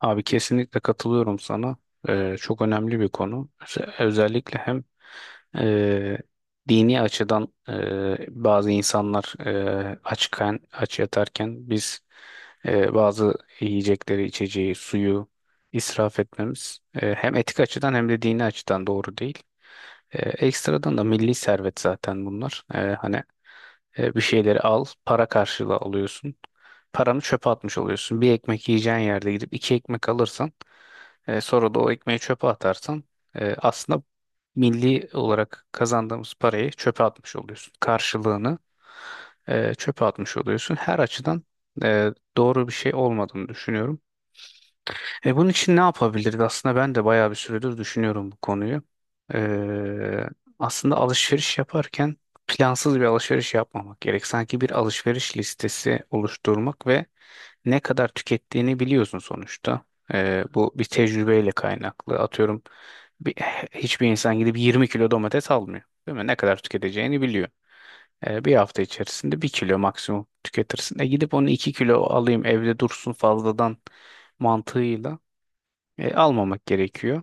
Abi kesinlikle katılıyorum sana. Çok önemli bir konu. Özellikle hem e, dini açıdan bazı insanlar açken, aç yatarken biz bazı yiyecekleri, içeceği, suyu israf etmemiz hem etik açıdan hem de dini açıdan doğru değil. Ekstradan da milli servet zaten bunlar. Hani bir şeyleri al, para karşılığı alıyorsun. Paranı çöpe atmış oluyorsun. Bir ekmek yiyeceğin yerde gidip iki ekmek alırsan sonra da o ekmeği çöpe atarsan aslında milli olarak kazandığımız parayı çöpe atmış oluyorsun. Karşılığını çöpe atmış oluyorsun. Her açıdan e, doğru bir şey olmadığını düşünüyorum. E bunun için ne yapabiliriz? Aslında ben de bayağı bir süredir düşünüyorum bu konuyu. Ee, Aslında alışveriş yaparken plansız bir alışveriş yapmamak gerek. Sanki bir alışveriş listesi oluşturmak ve ne kadar tükettiğini biliyorsun sonuçta. Bu bir tecrübeyle kaynaklı. Atıyorum bir, hiçbir insan gidip 20 kilo domates almıyor. Değil mi? Ne kadar tüketeceğini biliyor. Bir hafta içerisinde bir kilo maksimum tüketirsin. E gidip onu 2 kilo alayım evde dursun fazladan mantığıyla almamak gerekiyor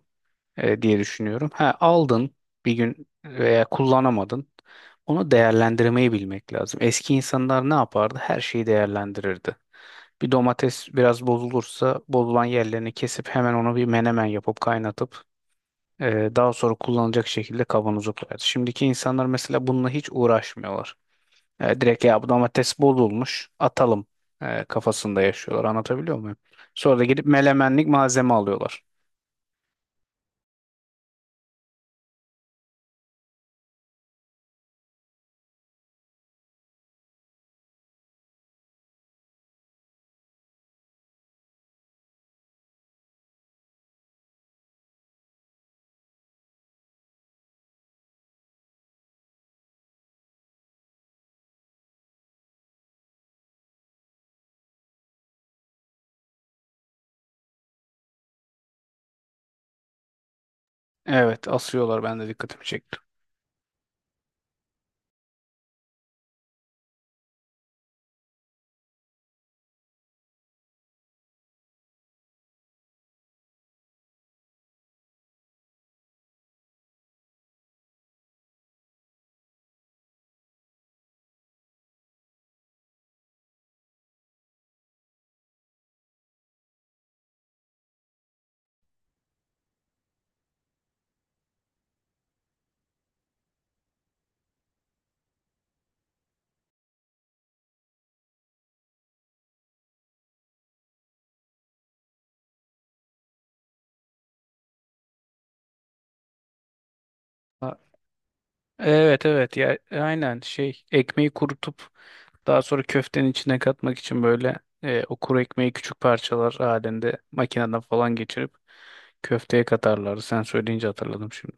diye düşünüyorum. Ha, aldın bir gün veya kullanamadın. Onu değerlendirmeyi bilmek lazım. Eski insanlar ne yapardı? Her şeyi değerlendirirdi. Bir domates biraz bozulursa bozulan yerlerini kesip hemen onu bir menemen yapıp kaynatıp daha sonra kullanılacak şekilde kavanoza koyardı. Şimdiki insanlar mesela bununla hiç uğraşmıyorlar. E, direkt ya bu domates bozulmuş atalım kafasında yaşıyorlar. Anlatabiliyor muyum? Sonra da gidip melemenlik malzeme alıyorlar. Evet, asıyorlar, ben de dikkatimi çekti. Ha, evet, evet, ya aynen şey, ekmeği kurutup daha sonra köftenin içine katmak için böyle o kuru ekmeği küçük parçalar halinde makineden falan geçirip köfteye katarlar. Sen söyleyince hatırladım şimdi.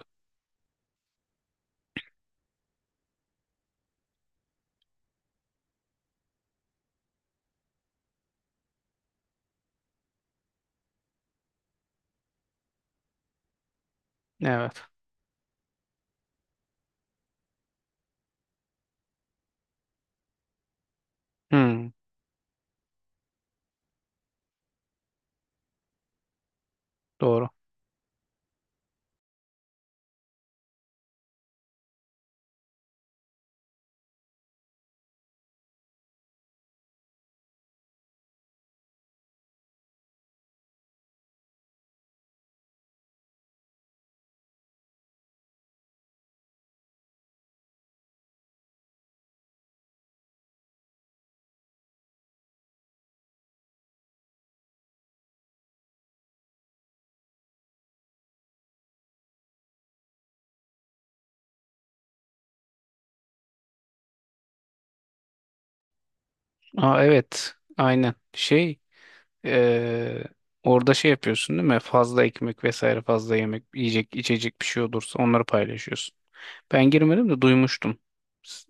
Evet. Hmm, doğru. Aa, evet, aynen şey, e, orada şey yapıyorsun değil mi? Fazla ekmek vesaire fazla yemek yiyecek içecek bir şey olursa onları paylaşıyorsun. Ben girmedim de duymuştum. S-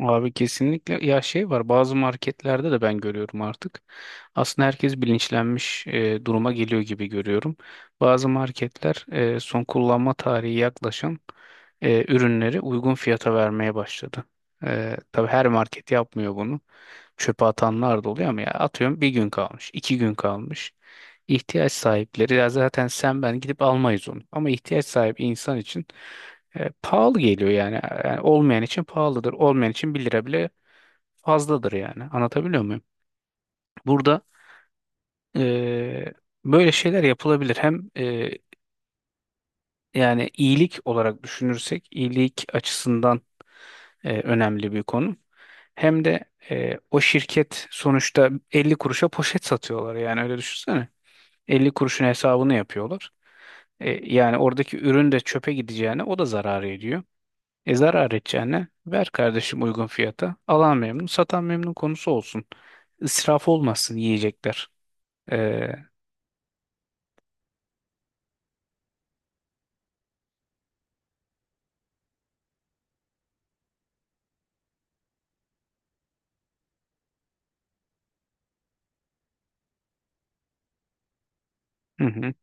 Abi kesinlikle ya şey var bazı marketlerde de ben görüyorum artık. Aslında herkes bilinçlenmiş duruma geliyor gibi görüyorum. Bazı marketler son kullanma tarihi yaklaşan ürünleri uygun fiyata vermeye başladı. E, tabii her market yapmıyor bunu. Çöpe atanlar da oluyor ama ya atıyorum bir gün kalmış, iki gün kalmış. İhtiyaç sahipleri ya zaten sen ben gidip almayız onu. Ama ihtiyaç sahibi insan için pahalı geliyor yani. Yani olmayan için pahalıdır. Olmayan için bir lira bile fazladır yani. Anlatabiliyor muyum? Burada e, böyle şeyler yapılabilir. Hem yani iyilik olarak düşünürsek iyilik açısından önemli bir konu. Hem de o şirket sonuçta 50 kuruşa poşet satıyorlar yani öyle düşünsene. 50 kuruşun hesabını yapıyorlar. E, yani oradaki ürün de çöpe gideceğine o da zarar ediyor. E zarar edeceğine ver kardeşim uygun fiyata. Alan memnun, satan memnun konusu olsun. İsraf olmasın yiyecekler. Ee, hı hı.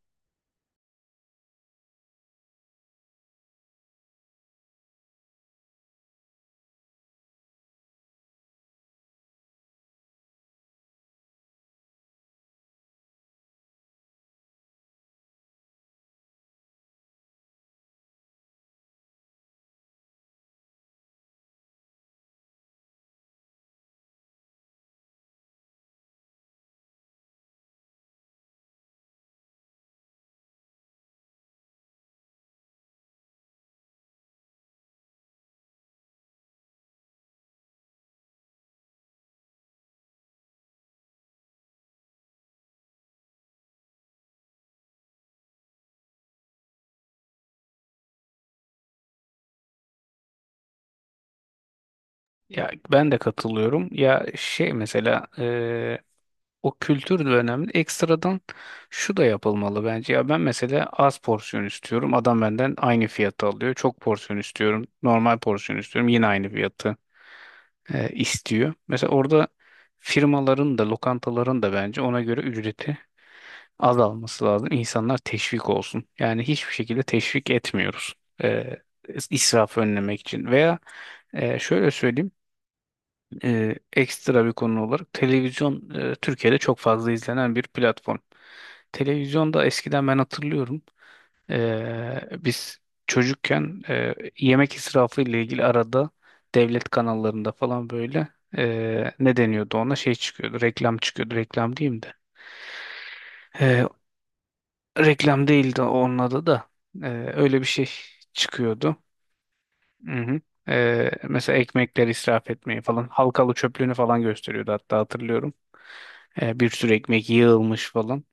Ya ben de katılıyorum. Ya şey mesela o kültür de önemli. Ekstradan şu da yapılmalı bence. Ya ben mesela az porsiyon istiyorum. Adam benden aynı fiyatı alıyor. Çok porsiyon istiyorum. Normal porsiyon istiyorum. Yine aynı fiyatı istiyor. Mesela orada firmaların da lokantaların da bence ona göre ücreti azalması lazım. İnsanlar teşvik olsun. Yani hiçbir şekilde teşvik etmiyoruz. Ee, israfı önlemek için veya şöyle söyleyeyim ekstra bir konu olarak televizyon Türkiye'de çok fazla izlenen bir platform. Televizyonda eskiden ben hatırlıyorum biz çocukken yemek israfı ile ilgili arada devlet kanallarında falan böyle ne deniyordu ona şey çıkıyordu reklam çıkıyordu reklam diyeyim de. Ee, Reklam değildi onun adı da. Ee, öyle bir şey çıkıyordu. Hı hı. Mesela ekmekleri israf etmeyi falan. Halkalı çöplüğünü falan gösteriyordu hatta hatırlıyorum. Bir sürü ekmek yığılmış falan.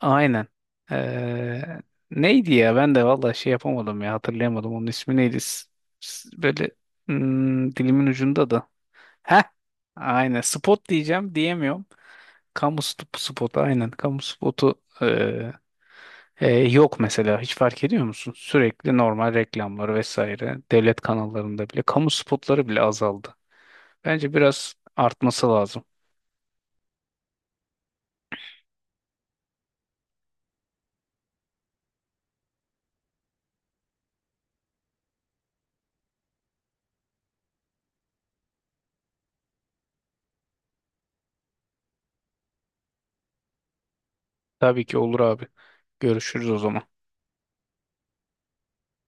Aynen. Ee, neydi ya ben de valla şey yapamadım ya hatırlayamadım onun ismi neydi. Böyle dilimin ucunda da. Heh, aynen spot diyeceğim diyemiyorum. Kamu spotu aynen kamu spotu. ee, Yok mesela hiç fark ediyor musun? Sürekli normal reklamları vesaire devlet kanallarında bile kamu spotları bile azaldı. Bence biraz artması lazım. Tabii ki olur abi. Görüşürüz o zaman.